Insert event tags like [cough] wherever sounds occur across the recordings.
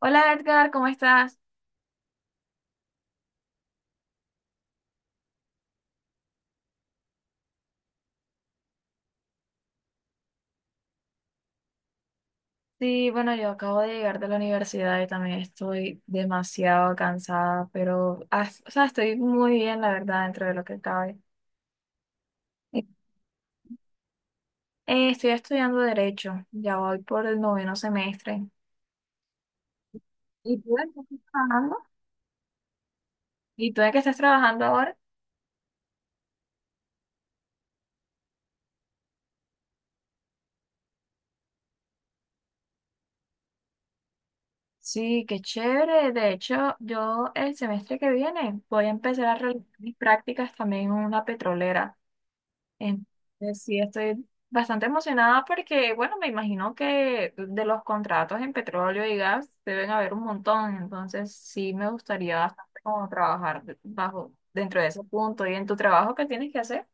Hola Edgar, ¿cómo estás? Sí, bueno, yo acabo de llegar de la universidad y también estoy demasiado cansada, pero o sea, estoy muy bien, la verdad, dentro de lo que cabe. Estoy estudiando Derecho, ya voy por el noveno semestre. ¿Y tú en qué estás trabajando? ¿Y tú en qué estás trabajando ahora? Sí, qué chévere. De hecho, yo el semestre que viene voy a empezar a realizar mis prácticas también en una petrolera. Entonces, sí, estoy bastante emocionada porque, bueno, me imagino que de los contratos en petróleo y gas deben haber un montón, entonces sí me gustaría bastante como trabajar bajo, dentro de ese punto y en tu trabajo, ¿qué tienes que hacer?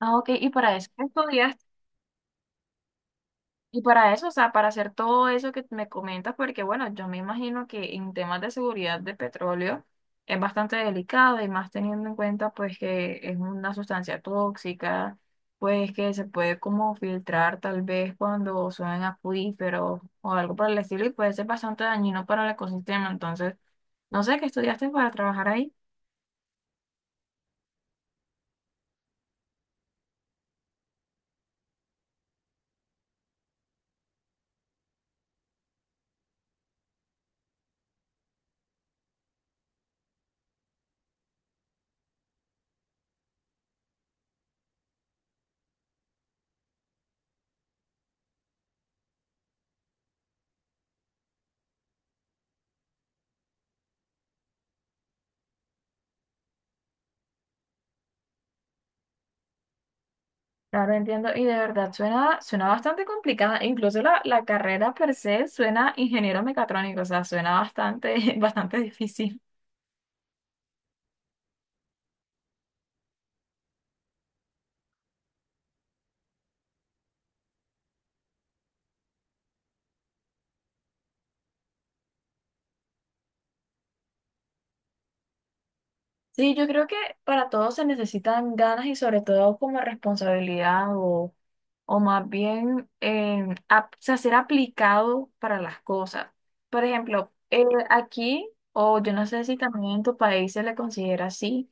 Ah, ok, y para eso estudiaste. Y para eso, o sea, para hacer todo eso que me comentas, porque bueno, yo me imagino que en temas de seguridad de petróleo es bastante delicado y más teniendo en cuenta pues que es una sustancia tóxica, pues que se puede como filtrar tal vez cuando suben acuíferos o algo por el estilo y puede ser bastante dañino para el ecosistema. Entonces, no sé qué estudiaste para trabajar ahí. Claro, entiendo. Y de verdad suena, suena bastante complicada. Incluso la carrera per se suena ingeniero mecatrónico, o sea, suena bastante, [laughs] bastante difícil. Sí, yo creo que para todos se necesitan ganas y sobre todo como responsabilidad o más bien o sea, ser aplicado para las cosas. Por ejemplo, aquí, o yo no sé si también en tu país se le considera así.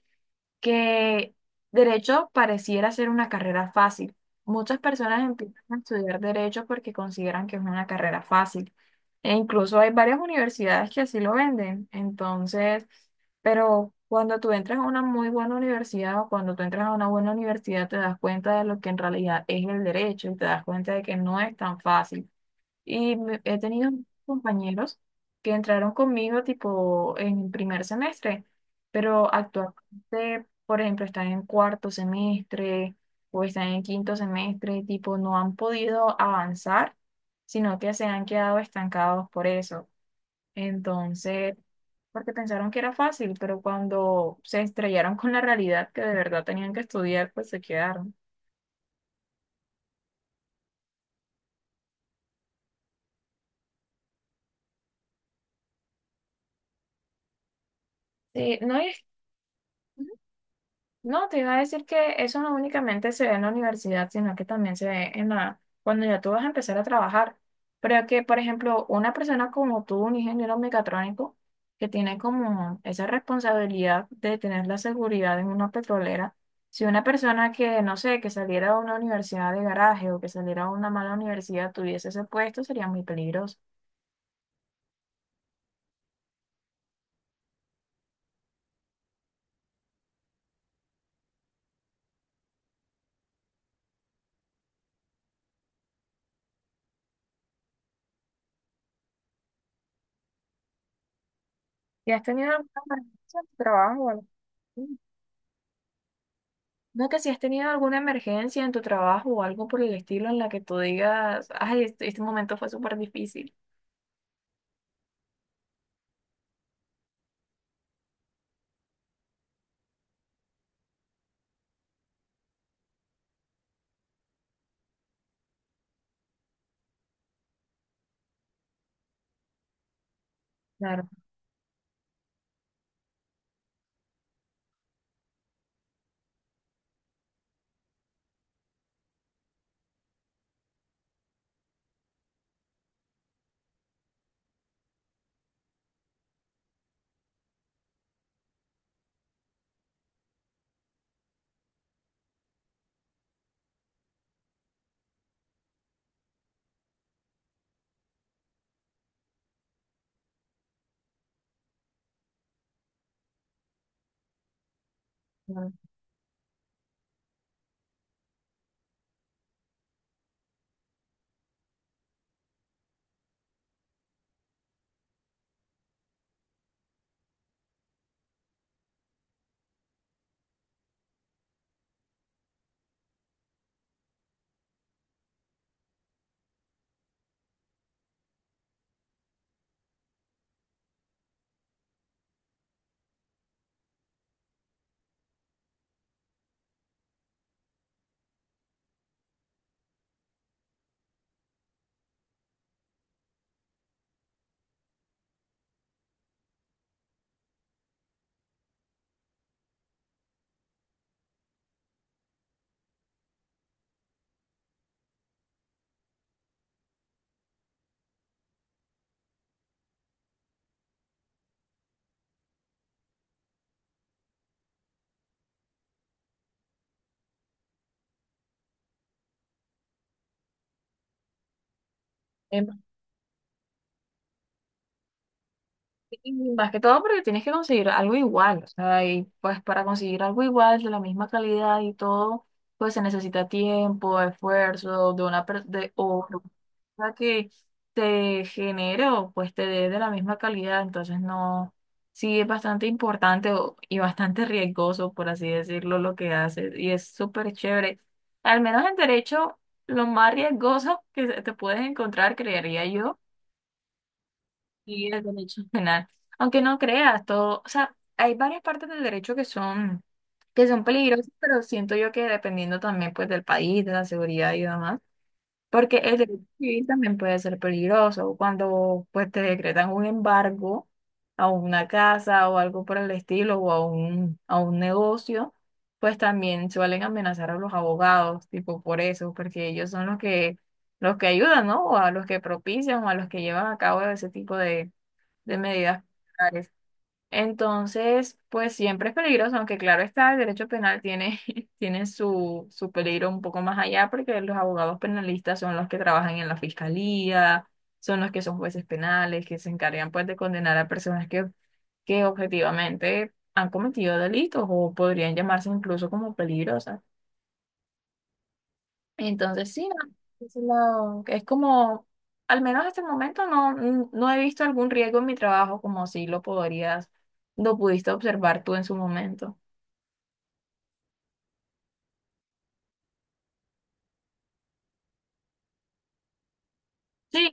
Que derecho pareciera ser una carrera fácil. Muchas personas empiezan a estudiar derecho porque consideran que es una carrera fácil. E incluso hay varias universidades que así lo venden. Entonces, pero cuando tú entras a una muy buena universidad o cuando tú entras a una buena universidad te das cuenta de lo que en realidad es el derecho y te das cuenta de que no es tan fácil. Y he tenido compañeros que entraron conmigo tipo en primer semestre, pero actualmente, por ejemplo, están en cuarto semestre o están en quinto semestre, tipo no han podido avanzar, sino que se han quedado estancados por eso. Entonces, porque pensaron que era fácil, pero cuando se estrellaron con la realidad que de verdad tenían que estudiar, pues se quedaron. Sí, no es. No, te iba a decir que eso no únicamente se ve en la universidad, sino que también se ve en la, cuando ya tú vas a empezar a trabajar. Pero que, por ejemplo, una persona como tú, un ingeniero mecatrónico, que tiene como esa responsabilidad de tener la seguridad en una petrolera, si una persona que, no sé, que saliera de una universidad de garaje o que saliera de una mala universidad tuviese ese puesto, sería muy peligroso. ¿Y has tenido alguna emergencia en tu trabajo o algo? No, que si has tenido alguna emergencia en tu trabajo o algo por el estilo en la que tú digas, ay, este momento fue súper difícil. Claro. Claro. Em, y más que todo porque tienes que conseguir algo igual, o sea, y pues para conseguir algo igual, de la misma calidad y todo, pues se necesita tiempo, esfuerzo de una persona sea que te genero, pues te dé de la misma calidad, entonces no, sí es bastante importante y bastante riesgoso, por así decirlo, lo que haces y es súper chévere. Al menos en derecho, lo más riesgoso que te puedes encontrar, creería yo, y el derecho penal. Aunque no creas todo, o sea, hay varias partes del derecho que son peligrosas, pero siento yo que dependiendo también pues del país, de la seguridad y demás. Porque el derecho civil también puede ser peligroso cuando pues te decretan un embargo a una casa o algo por el estilo o a un negocio, pues también suelen amenazar a los abogados, tipo por eso, porque ellos son los que ayudan, ¿no? O a los que propician o a los que llevan a cabo ese tipo de medidas. Entonces, pues siempre es peligroso, aunque claro está, el derecho penal tiene, [laughs] tiene su, su peligro un poco más allá, porque los abogados penalistas son los que trabajan en la fiscalía, son los que son jueces penales, que se encargan pues de condenar a personas que objetivamente han cometido delitos o podrían llamarse incluso como peligrosas. Entonces, sí, no, es como, al menos hasta el momento no, no he visto algún riesgo en mi trabajo como si lo podrías, lo pudiste observar tú en su momento. Sí,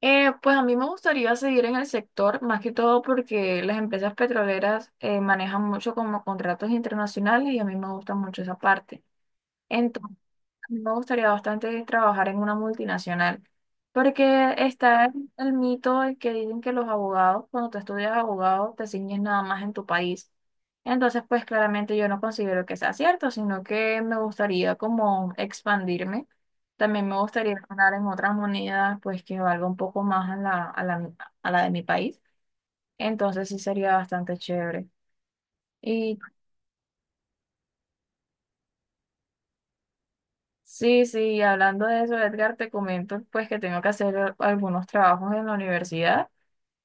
pues a mí me gustaría seguir en el sector, más que todo porque las empresas petroleras manejan mucho como contratos internacionales y a mí me gusta mucho esa parte. Me gustaría bastante trabajar en una multinacional, porque está el mito de que dicen que los abogados, cuando tú estudias abogado, te ciñes nada más en tu país. Entonces, pues claramente yo no considero que sea cierto, sino que me gustaría como expandirme. También me gustaría ganar en otras monedas, pues que valga un poco más a la, a la, a la de mi país. Entonces, sí sería bastante chévere. Y sí, sí, y hablando de eso, Edgar, te comento pues que tengo que hacer algunos trabajos en la universidad.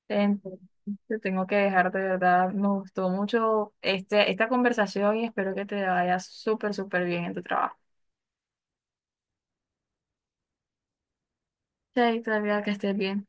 Entonces, te tengo que dejar de verdad. Me gustó mucho este, esta conversación y espero que te vaya súper, súper bien en tu trabajo. Chaito, Edgar, que estés bien.